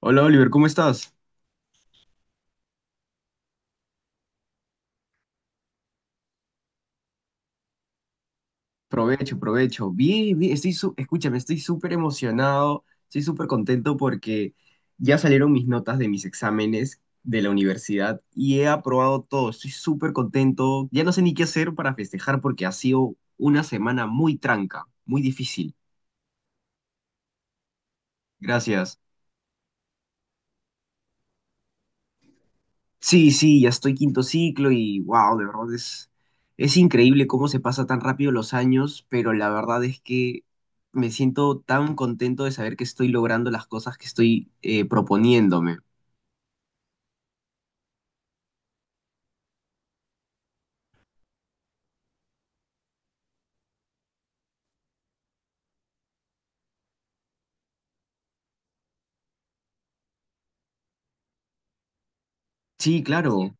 Hola Oliver, ¿cómo estás? Provecho, provecho. Bien, bien, escúchame, estoy súper emocionado, estoy súper contento porque ya salieron mis notas de mis exámenes de la universidad y he aprobado todo. Estoy súper contento. Ya no sé ni qué hacer para festejar porque ha sido una semana muy tranca, muy difícil. Gracias. Sí, sí, ya estoy quinto ciclo y wow, de verdad es, increíble cómo se pasa tan rápido los años, pero la verdad es que me siento tan contento de saber que estoy logrando las cosas que estoy proponiéndome. Sí, claro.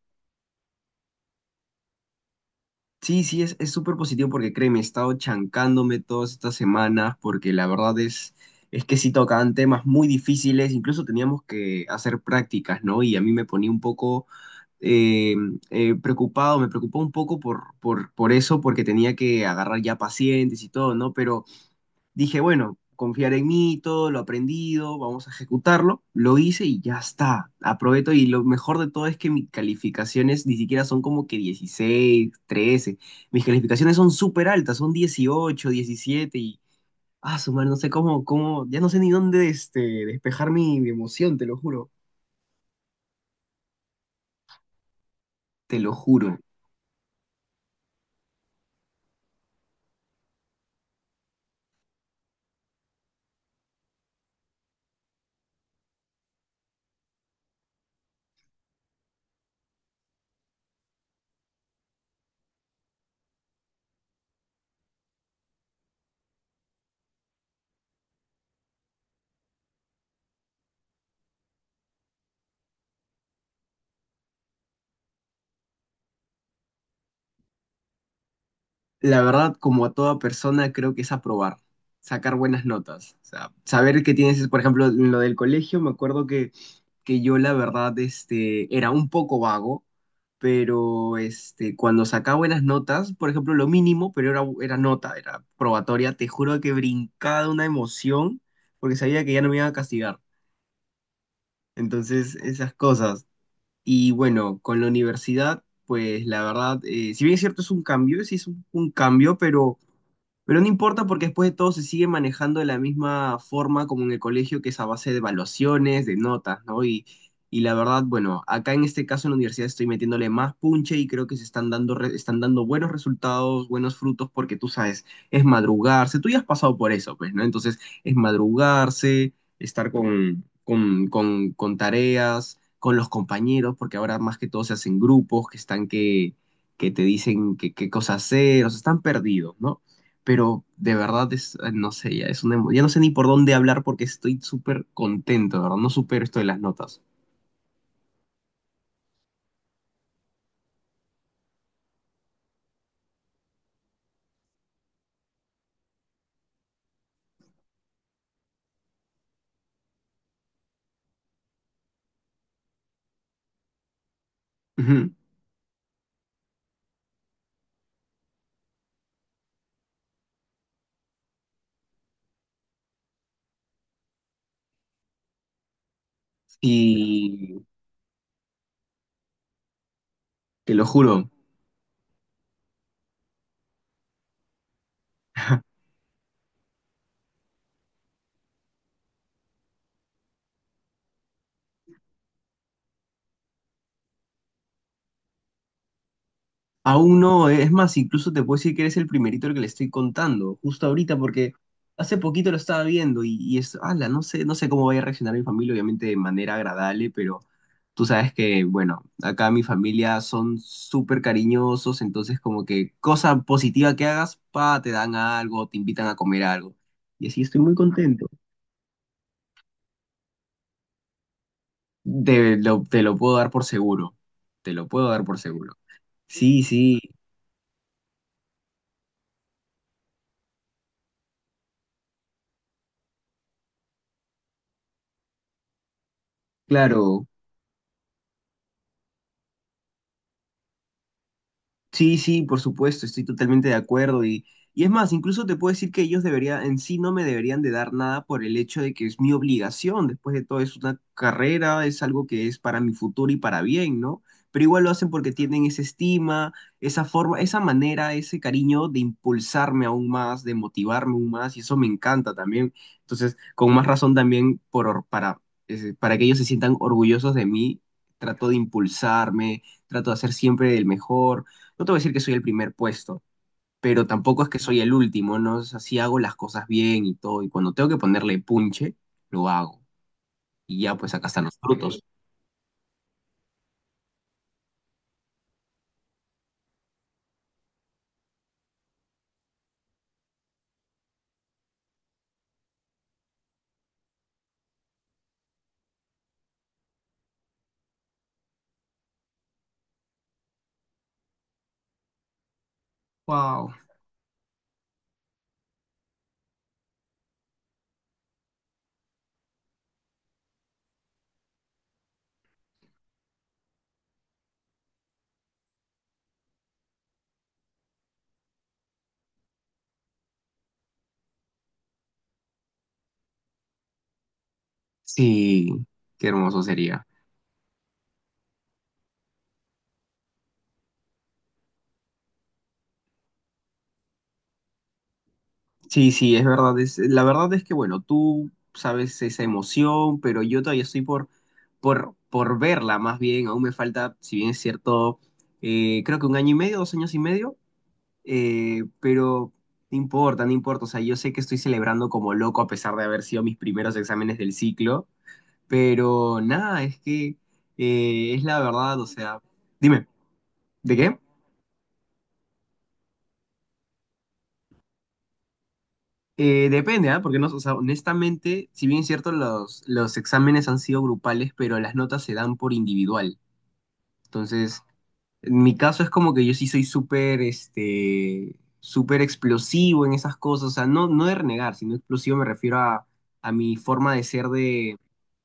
Sí, sí, es, súper positivo porque créeme, he estado chancándome todas estas semanas porque la verdad es que sí tocaban temas muy difíciles, incluso teníamos que hacer prácticas, ¿no? Y a mí me ponía un poco eh, preocupado, me preocupó un poco por eso, porque tenía que agarrar ya pacientes y todo, ¿no? Pero dije, bueno, confiar en mí, todo lo aprendido, vamos a ejecutarlo, lo hice y ya está, aprovecho y lo mejor de todo es que mis calificaciones ni siquiera son como que 16 13. Mis calificaciones son súper altas, son 18 17 y... Ah, su madre, no sé cómo, cómo, ya no sé ni dónde despejar mi, mi emoción, te lo juro, te lo juro. La verdad, como a toda persona, creo que es aprobar, sacar buenas notas. O sea, saber que tienes, por ejemplo, en lo del colegio, me acuerdo que yo la verdad era un poco vago, pero cuando sacaba buenas notas, por ejemplo, lo mínimo, pero era nota, era probatoria, te juro que brincaba de una emoción porque sabía que ya no me iban a castigar. Entonces, esas cosas. Y bueno, con la universidad, pues la verdad, si bien es cierto, es un cambio, sí es un cambio, pero no importa porque después de todo se sigue manejando de la misma forma como en el colegio, que es a base de evaluaciones, de notas, ¿no? Y la verdad, bueno, acá en este caso en la universidad estoy metiéndole más punche y creo que se están dando, están dando buenos resultados, buenos frutos, porque tú sabes, es madrugarse, tú ya has pasado por eso, pues, ¿no? Entonces, es madrugarse, estar con tareas, con los compañeros, porque ahora más que todo se hacen grupos que están que te dicen qué cosa hacer, o sea, están perdidos, ¿no? Pero de verdad es, no sé, ya es ya no sé ni por dónde hablar porque estoy súper contento, de ¿verdad? No supero esto de las notas. Ujú. Y te lo juro, Aún no, es más, incluso te puedo decir que eres el primerito al que le estoy contando, justo ahorita, porque hace poquito lo estaba viendo y es, ala, no sé, no sé cómo vaya a reaccionar mi familia, obviamente de manera agradable, pero tú sabes que, bueno, acá mi familia son súper cariñosos, entonces como que cosa positiva que hagas, pa, te dan algo, te invitan a comer algo. Y así estoy muy contento. Te lo puedo dar por seguro, te lo puedo dar por seguro. Sí, sí, claro. Sí, sí, por supuesto, estoy totalmente de acuerdo y es más, incluso te puedo decir que ellos deberían, en sí no me deberían de dar nada por el hecho de que es mi obligación, después de todo es una carrera, es algo que es para mi futuro y para bien, ¿no? Pero igual lo hacen porque tienen esa estima, esa forma, esa manera, ese cariño de impulsarme aún más, de motivarme aún más y eso me encanta también. Entonces, con más razón también por, para que ellos se sientan orgullosos de mí, trato de impulsarme, trato de hacer siempre el mejor. No te voy a decir que soy el primer puesto, pero tampoco es que soy el último, ¿no? O sea, sí hago las cosas bien y todo, y cuando tengo que ponerle punche, lo hago. Y ya, pues acá están los frutos. ¡Wow! Sí, qué hermoso sería. Sí, sí, es verdad. La verdad es que, bueno, tú sabes esa emoción, pero yo todavía estoy por verla, más bien. Aún me falta, si bien es cierto, creo que 1 año y medio, 2 años y medio. Pero no importa, no importa. O sea, yo sé que estoy celebrando como loco a pesar de haber sido mis primeros exámenes del ciclo, pero nada, es que es la verdad, o sea, dime, ¿de qué? Depende, ¿ah? Porque no, o sea, honestamente, si bien es cierto, los exámenes han sido grupales, pero las notas se dan por individual. Entonces, en mi caso es como que yo sí soy súper, súper explosivo en esas cosas, o sea, no, no de renegar, sino explosivo me refiero a mi forma de ser. De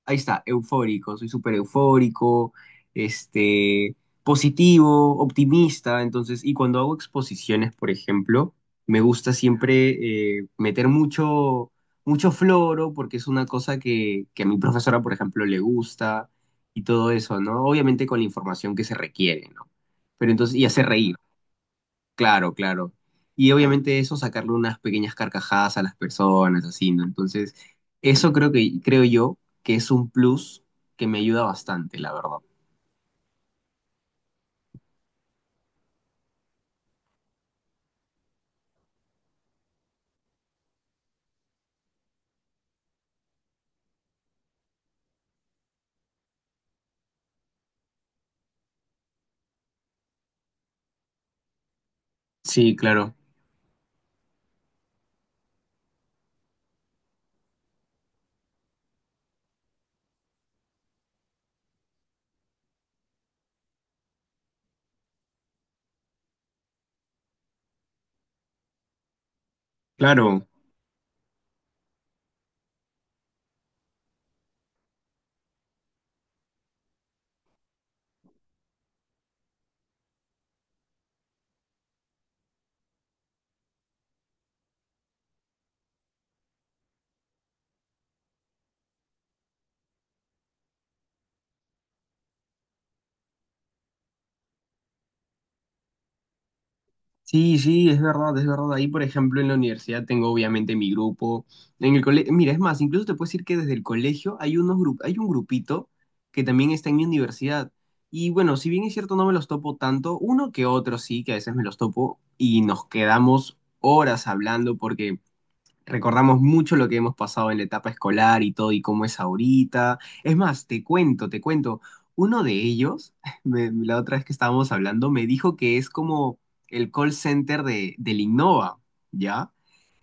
ahí está, eufórico, soy súper eufórico, este, positivo, optimista, entonces, y cuando hago exposiciones, por ejemplo, me gusta siempre meter mucho, mucho floro, porque es una cosa que a mi profesora, por ejemplo, le gusta y todo eso, ¿no? Obviamente con la información que se requiere, ¿no? Pero entonces, y hacer reír. Claro, claro. Y obviamente eso, sacarle unas pequeñas carcajadas a las personas, así, ¿no? Entonces, eso creo que, creo yo, que es un plus que me ayuda bastante, la verdad. Sí, claro. Claro. Sí, sí, es verdad, es verdad. Ahí, por ejemplo, en la universidad tengo obviamente mi grupo. En el colegio, mira, es más, incluso te puedo decir que desde el colegio hay hay un grupito que también está en mi universidad. Y bueno, si bien es cierto, no me los topo tanto, uno que otro sí, que a veces me los topo y nos quedamos horas hablando porque recordamos mucho lo que hemos pasado en la etapa escolar y todo y cómo es ahorita. Es más, te cuento, te cuento. Uno de ellos, la otra vez que estábamos hablando, me dijo que es como el call center del Innova, ¿ya?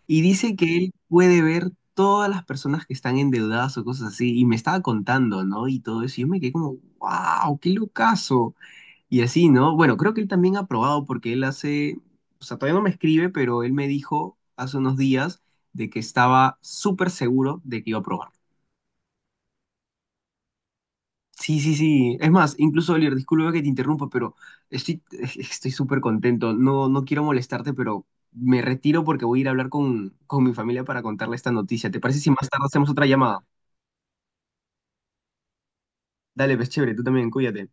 Y dice que él puede ver todas las personas que están endeudadas o cosas así. Y me estaba contando, ¿no? Y todo eso. Y yo me quedé como, wow, qué locazo. Y así, ¿no? Bueno, creo que él también ha probado porque él hace, o sea, todavía no me escribe, pero él me dijo hace unos días de que estaba súper seguro de que iba a probar. Sí, sí, sí. Es más, incluso, Oliver, disculpa que te interrumpa, pero estoy estoy súper contento. No, no quiero molestarte, pero me retiro porque voy a ir a hablar con mi familia para contarle esta noticia. ¿Te parece si más tarde hacemos otra llamada? Dale, pues chévere, tú también, cuídate.